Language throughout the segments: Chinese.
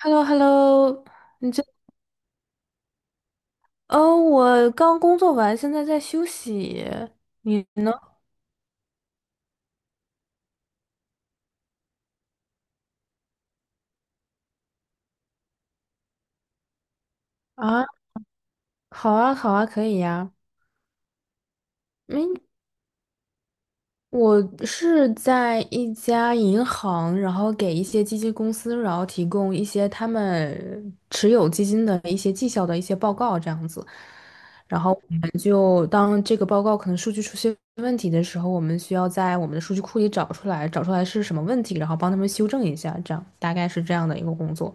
h e l l o h e l l o 你这，哦，我刚工作完，现在在休息。你呢？啊，好啊，好啊，可以呀。嗯，我是在一家银行，然后给一些基金公司，然后提供一些他们持有基金的一些绩效的一些报告，这样子。然后我们就当这个报告可能数据出现问题的时候，我们需要在我们的数据库里找出来是什么问题，然后帮他们修正一下，这样大概是这样的一个工作。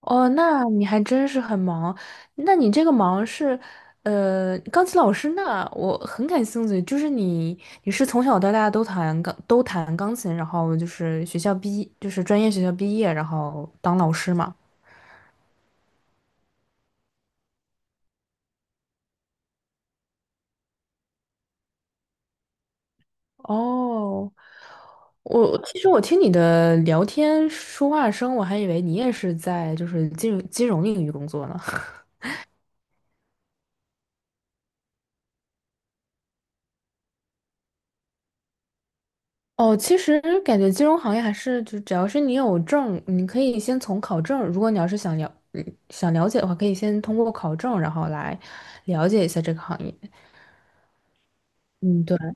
哦，那你还真是很忙。那你这个忙是，钢琴老师那我很感兴趣，就是你是从小到大都弹钢琴，然后就是学校毕就是专业学校毕业，然后当老师嘛。哦，我其实我听你的聊天说话声，我还以为你也是在就是金融领域工作呢。哦，其实感觉金融行业还是就只要是你有证，你可以先从考证。如果你要是想了解的话，可以先通过考证，然后来了解一下这个行业。嗯，对。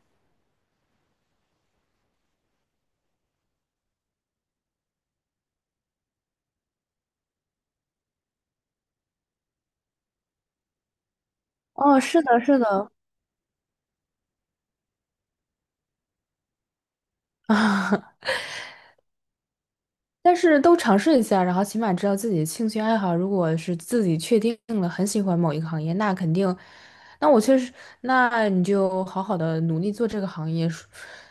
哦，是的，是的。但是都尝试一下，然后起码知道自己的兴趣爱好。如果是自己确定了很喜欢某一个行业，那肯定，那我确实，那你就好好的努力做这个行业，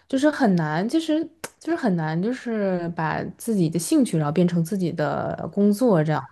就是很难，其实就是很难，就是把自己的兴趣然后变成自己的工作这样。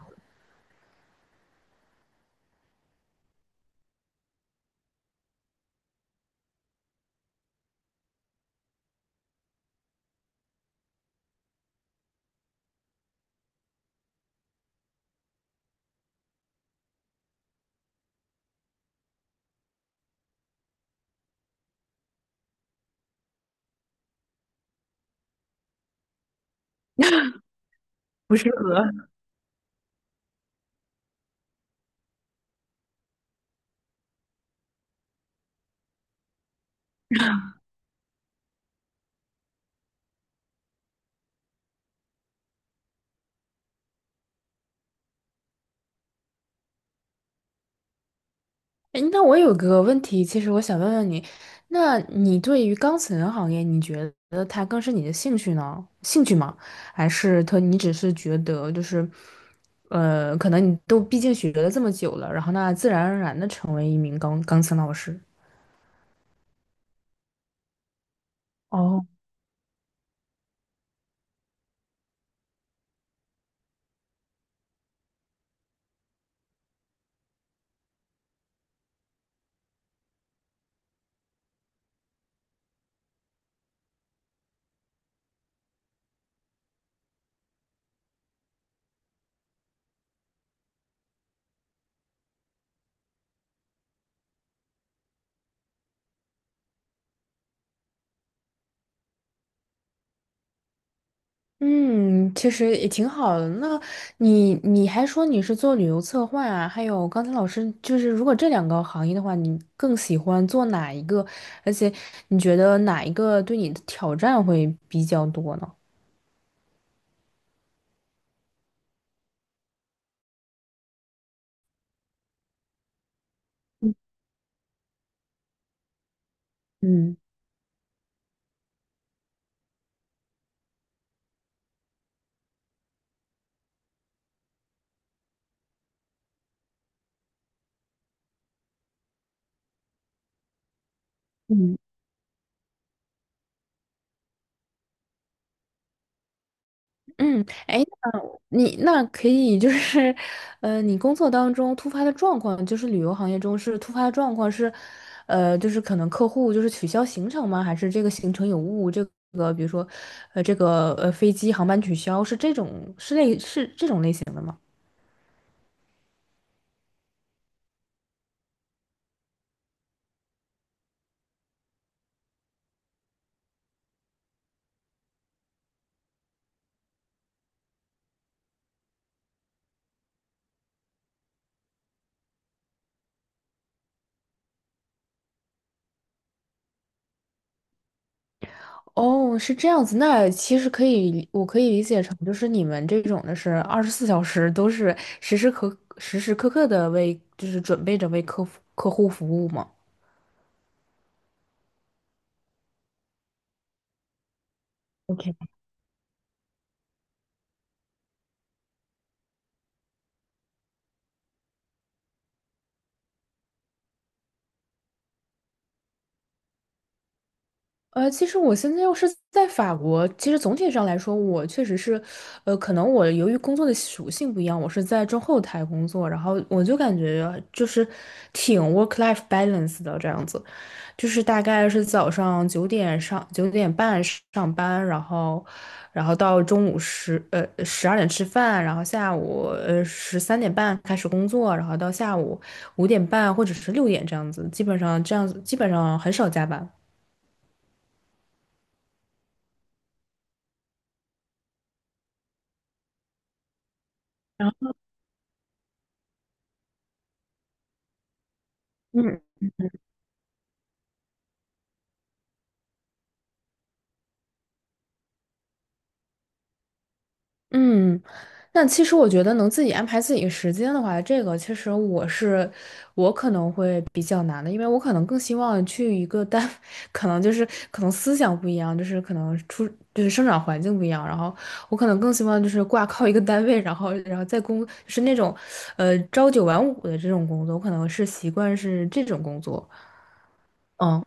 诶那我有个问题，其实我想问问你，那你对于钢琴行业，你觉得它更是你的兴趣吗？还是它你只是觉得就是，可能你都毕竟学了这么久了，然后那自然而然的成为一名钢琴老师？哦。嗯，其实也挺好的。那你还说你是做旅游策划啊，还有刚才老师就是，如果这两个行业的话，你更喜欢做哪一个？而且你觉得哪一个对你的挑战会比较多呢？嗯。嗯。嗯，哎，那你那可以就是，你工作当中突发的状况，就是旅游行业中是突发的状况是，就是可能客户就是取消行程吗？还是这个行程有误？这个比如说，这个飞机航班取消是这种是类是这种类型的吗？哦，是这样子，那其实可以理我可以理解成就是你们这种的是24小时都是时时刻刻的为就是准备着为客户服务吗？OK。其实我现在又是在法国，其实总体上来说，我确实是，可能我由于工作的属性不一样，我是在中后台工作，然后我就感觉就是挺 work-life balance 的这样子，就是大概是早上9点半上班，然后到中午12点吃饭，然后下午13点半开始工作，然后到下午5点半或者是6点这样子，基本上这样子基本上很少加班。嗯，嗯，那其实我觉得能自己安排自己的时间的话，这个其实我可能会比较难的，因为我可能更希望去一个单，可能就是可能思想不一样，就是可能就是生长环境不一样，然后我可能更希望就是挂靠一个单位，然后就是那种朝九晚五的这种工作，我可能是习惯是这种工作。嗯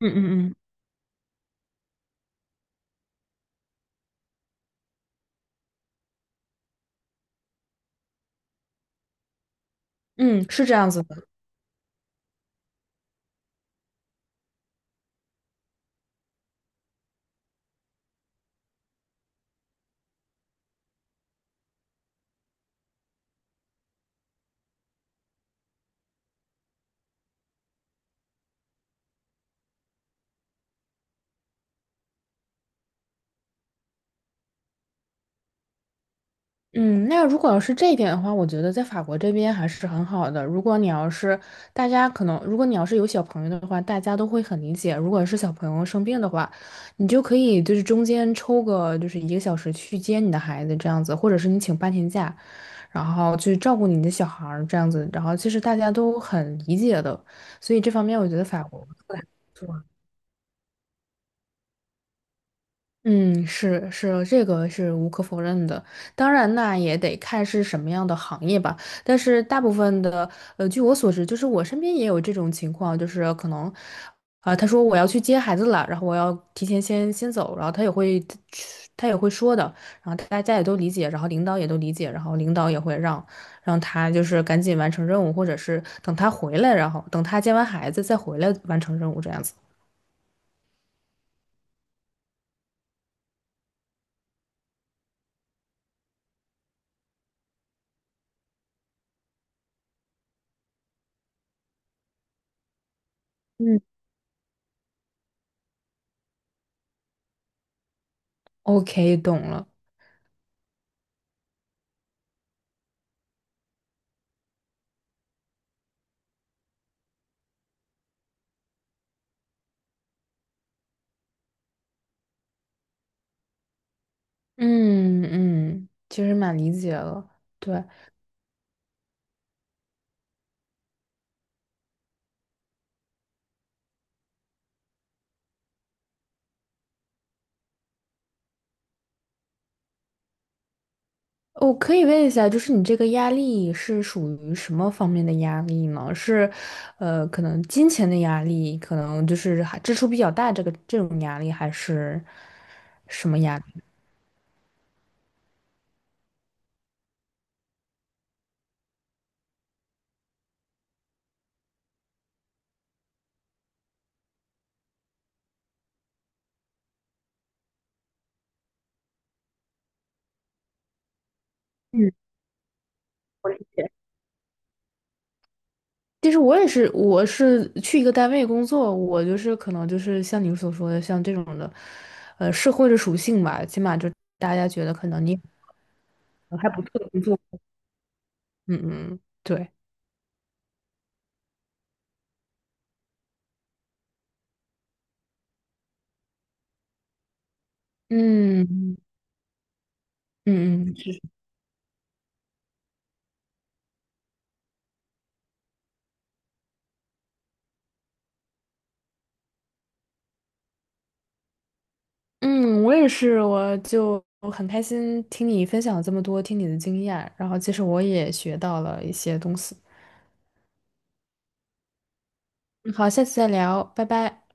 嗯嗯嗯嗯，是这样子的。嗯，那如果要是这一点的话，我觉得在法国这边还是很好的。如果你要是有小朋友的话，大家都会很理解。如果是小朋友生病的话，你就可以就是中间抽个就是1个小时去接你的孩子这样子，或者是你请半天假，然后去照顾你的小孩儿这样子。然后其实大家都很理解的，所以这方面我觉得法国。嗯，是是，这个是无可否认的。当然，那也得看是什么样的行业吧。但是大部分的，据我所知，就是我身边也有这种情况，就是可能，啊、他说我要去接孩子了，然后我要提前先走，然后他也会说的，然后大家也都理解，然后领导也都理解，然后领导也会让他就是赶紧完成任务，或者是等他回来，然后等他接完孩子再回来完成任务这样子。嗯，OK，懂了。嗯嗯，其实蛮理解了。对，我可以问一下，就是你这个压力是属于什么方面的压力呢？是，可能金钱的压力，可能就是还支出比较大，这个这种压力，还是什么压力？嗯，我理解。其实我也是，我是去一个单位工作，我就是可能就是像你所说的，像这种的，社会的属性吧，起码就大家觉得可能你还不错的工作，嗯嗯，对，嗯。嗯嗯嗯，我也是，我就很开心听你分享了这么多，听你的经验，然后其实我也学到了一些东西。嗯好，下次再聊，拜拜。